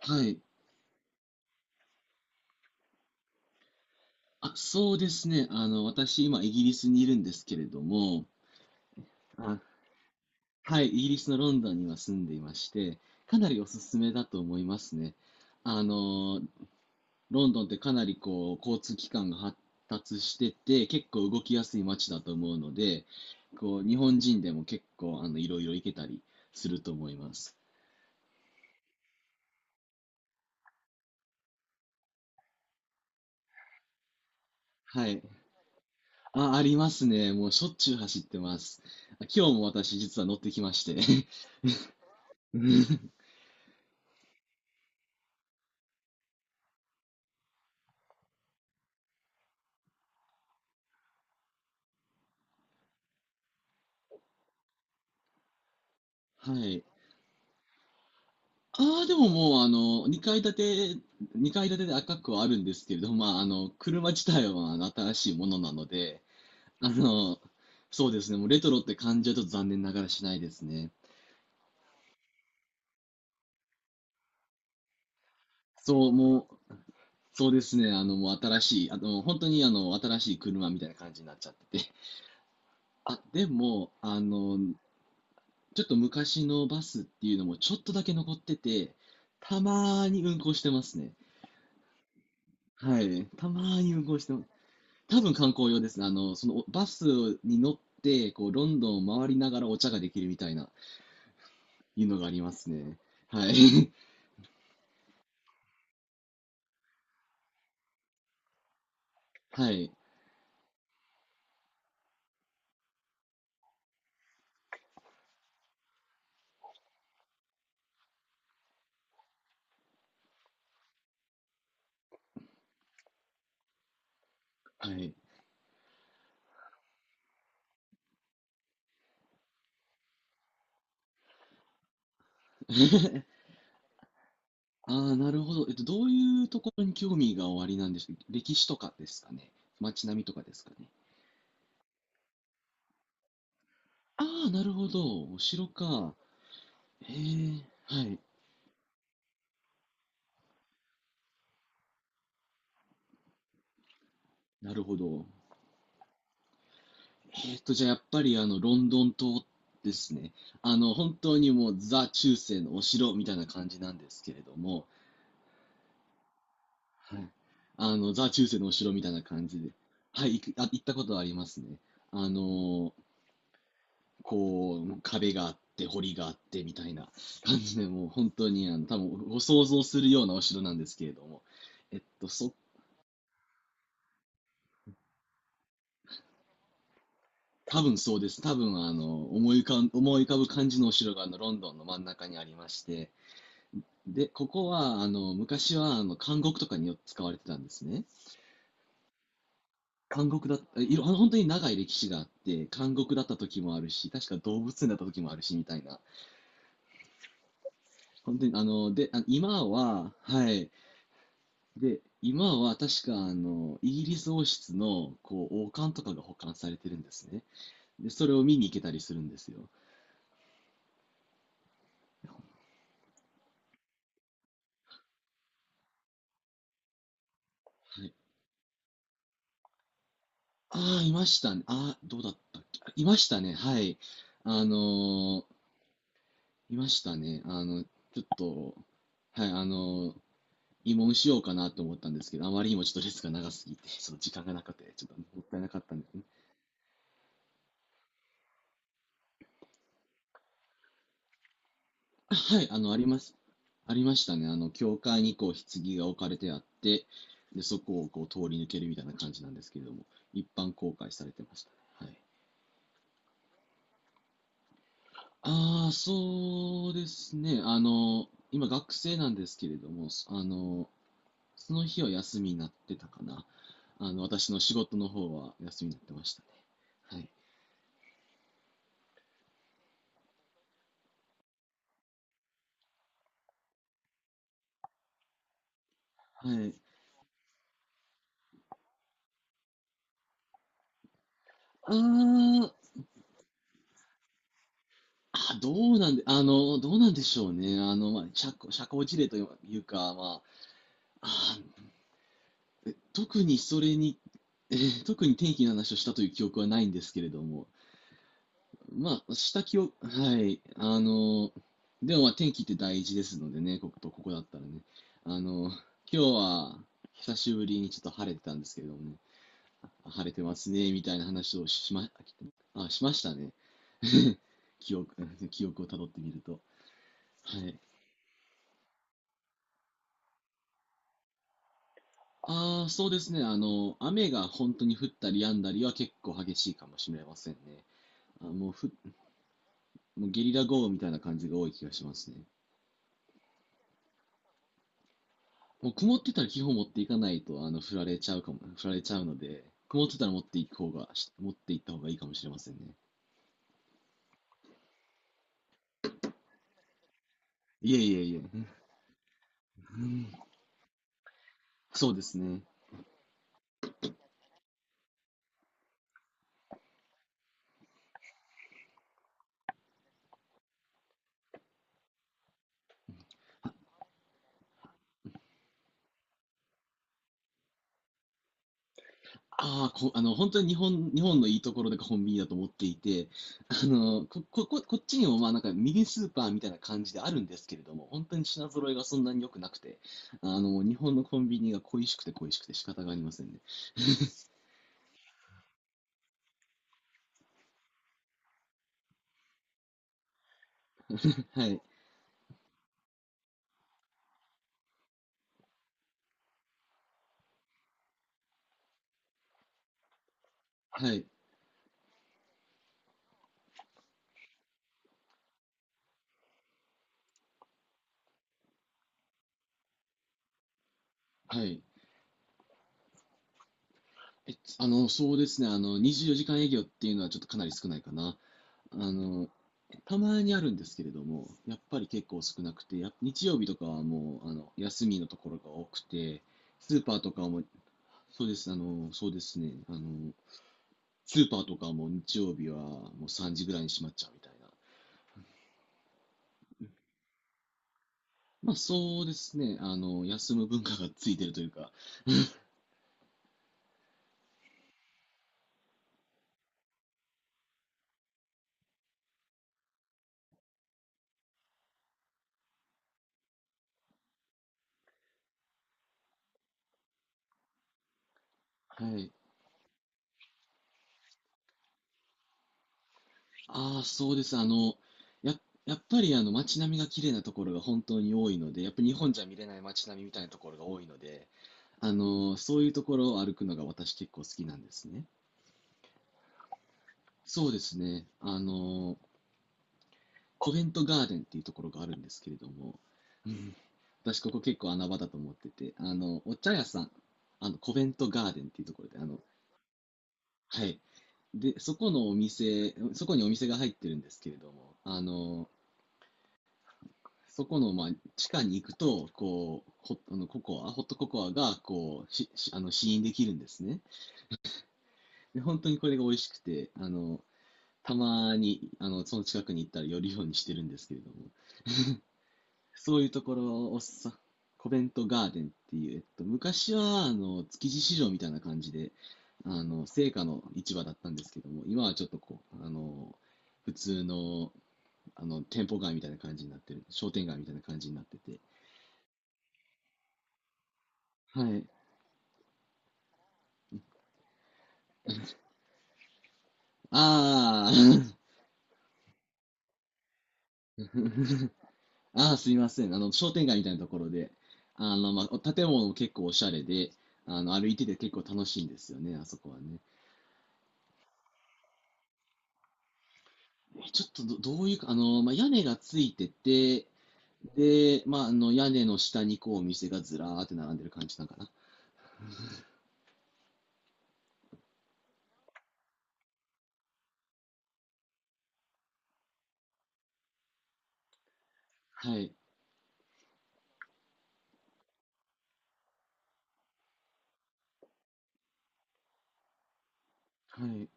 はい。私、今、イギリスにいるんですけれども、あ、はい、イギリスのロンドンには住んでいまして、かなりおすすめだと思いますね。あの、ロンドンってかなりこう、交通機関が発達してて、結構動きやすい街だと思うので、こう、日本人でも結構、いろいろ行けたりすると思います。はい。あ、ありますね。もうしょっちゅう走ってます。今日も私、実は乗ってきまして。はい。ああ、でももう、あの、2階建て、2階建てで赤くはあるんですけれども、まあ、車自体はまあの新しいものなので、あの、そうですね、もうレトロって感じはちょっと残念ながらしないですね。そう、もう、そうですね、もう新しい、本当に新しい車みたいな感じになっちゃってて。あ、でも、ちょっと昔のバスっていうのもちょっとだけ残ってて、たまーに運行してますね。はい、たまーに運行してます。多分観光用ですね。そのバスに乗って、こう、ロンドンを回りながらお茶ができるみたいな、いうのがありますね。はい。はい。はい。ああ、なるほど。えっと、どういうところに興味がおありなんでしょう。歴史とかですかね。街並みとかですかね。ああ、なるほど。お城か。へえ、はい。なるほど。えっと、じゃあやっぱりロンドン島ですね。本当にもうザ中世のお城みたいな感じなんですけれども、はい。ザ・中世のお城みたいな感じで。はい、行く、あ、行ったことはありますね。あの、こう、壁があって、堀があって、みたいな感じで、もう本当に、多分ご想像するようなお城なんですけれども。えっと、そ、多分そうです。多分、思い浮かぶ感じのお城が、ロンドンの真ん中にありまして。で、ここは、昔は、監獄とかによく使われてたんですね。監獄だった、いろ、本当に長い歴史があって、監獄だった時もあるし、確か動物園だった時もあるし、みたいな。本当に、あ今は、はい。で、今は確か、イギリス王室の、こう、王冠とかが保管されてるんですね。で、それを見に行けたりするんですよ。はい。ああ、いましたね。ああ、どうだったっけ。あいましたね。はい。あのーいましたね。あの、ちょっと、はい、あのー慰問しようかなと思ったんですけど、あまりにもちょっと列が長すぎて、その時間がなくて、ちょっともったいなかったんですね。あはい、あります。ありましたね。教会にこう、棺が置かれてあって、で、そこをこう、通り抜けるみたいな感じなんですけれども、一般公開されてましたね。はい。ああ、そうですね。今学生なんですけれども、その日は休みになってたかな。私の仕事の方は休みになってましたね。はい。はい。ああ、どうなんでしょうね。まあ、社交辞令というか、まあ、あー、特にそれに、えー特に天気の話をしたという記憶はないんですけれども、まあ、した記憶、はい、あの、でもまあ、天気って大事ですのでね、こことここだったらね。あの、今日は、久しぶりにちょっと晴れてたんですけれどもね、晴れてますね、みたいな話をしましたね。記憶、記憶をたどってみると。はい。ああ、そうですね。雨が本当に降ったり止んだりは結構激しいかもしれませんね。あ、もうふ、もうゲリラ豪雨みたいな感じが多い気がしますね。もう曇ってたら基本持っていかないと、降られちゃうので、曇ってたら持っていった方がいいかもしれませんね。いえいえいえ。うん、そうですね。ああ、ほ、あの、本当に日本のいいところでコンビニだと思っていて、ここっちにもまあなんかミニスーパーみたいな感じであるんですけれども、本当に品揃えがそんなに良くなくて、日本のコンビニが恋しくて恋しくて仕方がありませんね。はい、はい、はい。え、あの、そうですね、24時間営業っていうのはちょっとかなり少ないかな。あの、たまにあるんですけれども、やっぱり結構少なくて、日曜日とかはもう、休みのところが多くて、スーパーとかはもそうです、あの、そうですね。スーパーとかも日曜日はもう3時ぐらいに閉まっちゃうみたいな。まあそうですね。休む文化がついてるというか。はい。ああ、そうです。や、やっぱりあの街並みが綺麗なところが本当に多いので、やっぱ日本じゃ見れない街並みみたいなところが多いので、そういうところを歩くのが私結構好きなんですね。そうですね。コベントガーデンっていうところがあるんですけれども、私ここ結構穴場だと思ってて、あの、お茶屋さん、あの、コベントガーデンっていうところで、あの、はい。で、そこにお店が入ってるんですけれども、あの、そこの、まあ、地下に行くと、こう、ホットココアが、こう、あの、試飲できるんですね。で、本当にこれが美味しくて、たまに、その近くに行ったら寄るようにしてるんですけれども。そういうところをさ、コベントガーデンっていう、えっと、昔はあの築地市場みたいな感じで、あの青果の市場だったんですけども、今はちょっとこう、普通の店舗街みたいな感じになってる、商店街みたいな感じになってて、はい。ああ、ああ、すいません。あの、商店街みたいなところで、あの、まあ、建物も結構おしゃれで、あの、歩いてて結構楽しいんですよね、あそこはね。ちょっとど、どういうか、あの、まあ、屋根がついてて、で、まあ、あの、屋根の下にこう、お店がずらーって並んでる感じなのかな。はい。はい。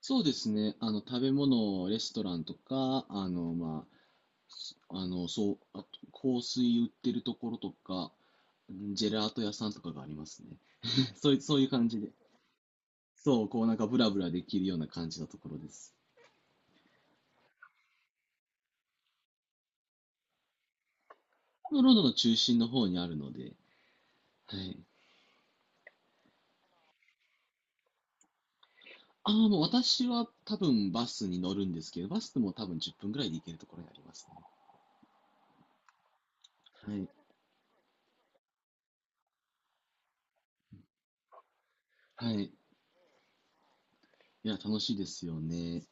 そうですね。あの、食べ物、レストランとか、あの、そう、あと、香水売ってるところとか、うん、ジェラート屋さんとかがありますね。そういう、そういう感じで。そう、こう、なんかブラブラできるような感じのところです。ロンドンの中心の方にあるので、はい。ああ、もう私は多分バスに乗るんですけど、バスでも多分10分ぐらいで行けるところにありますね。はい。はい。いや、楽しいですよね。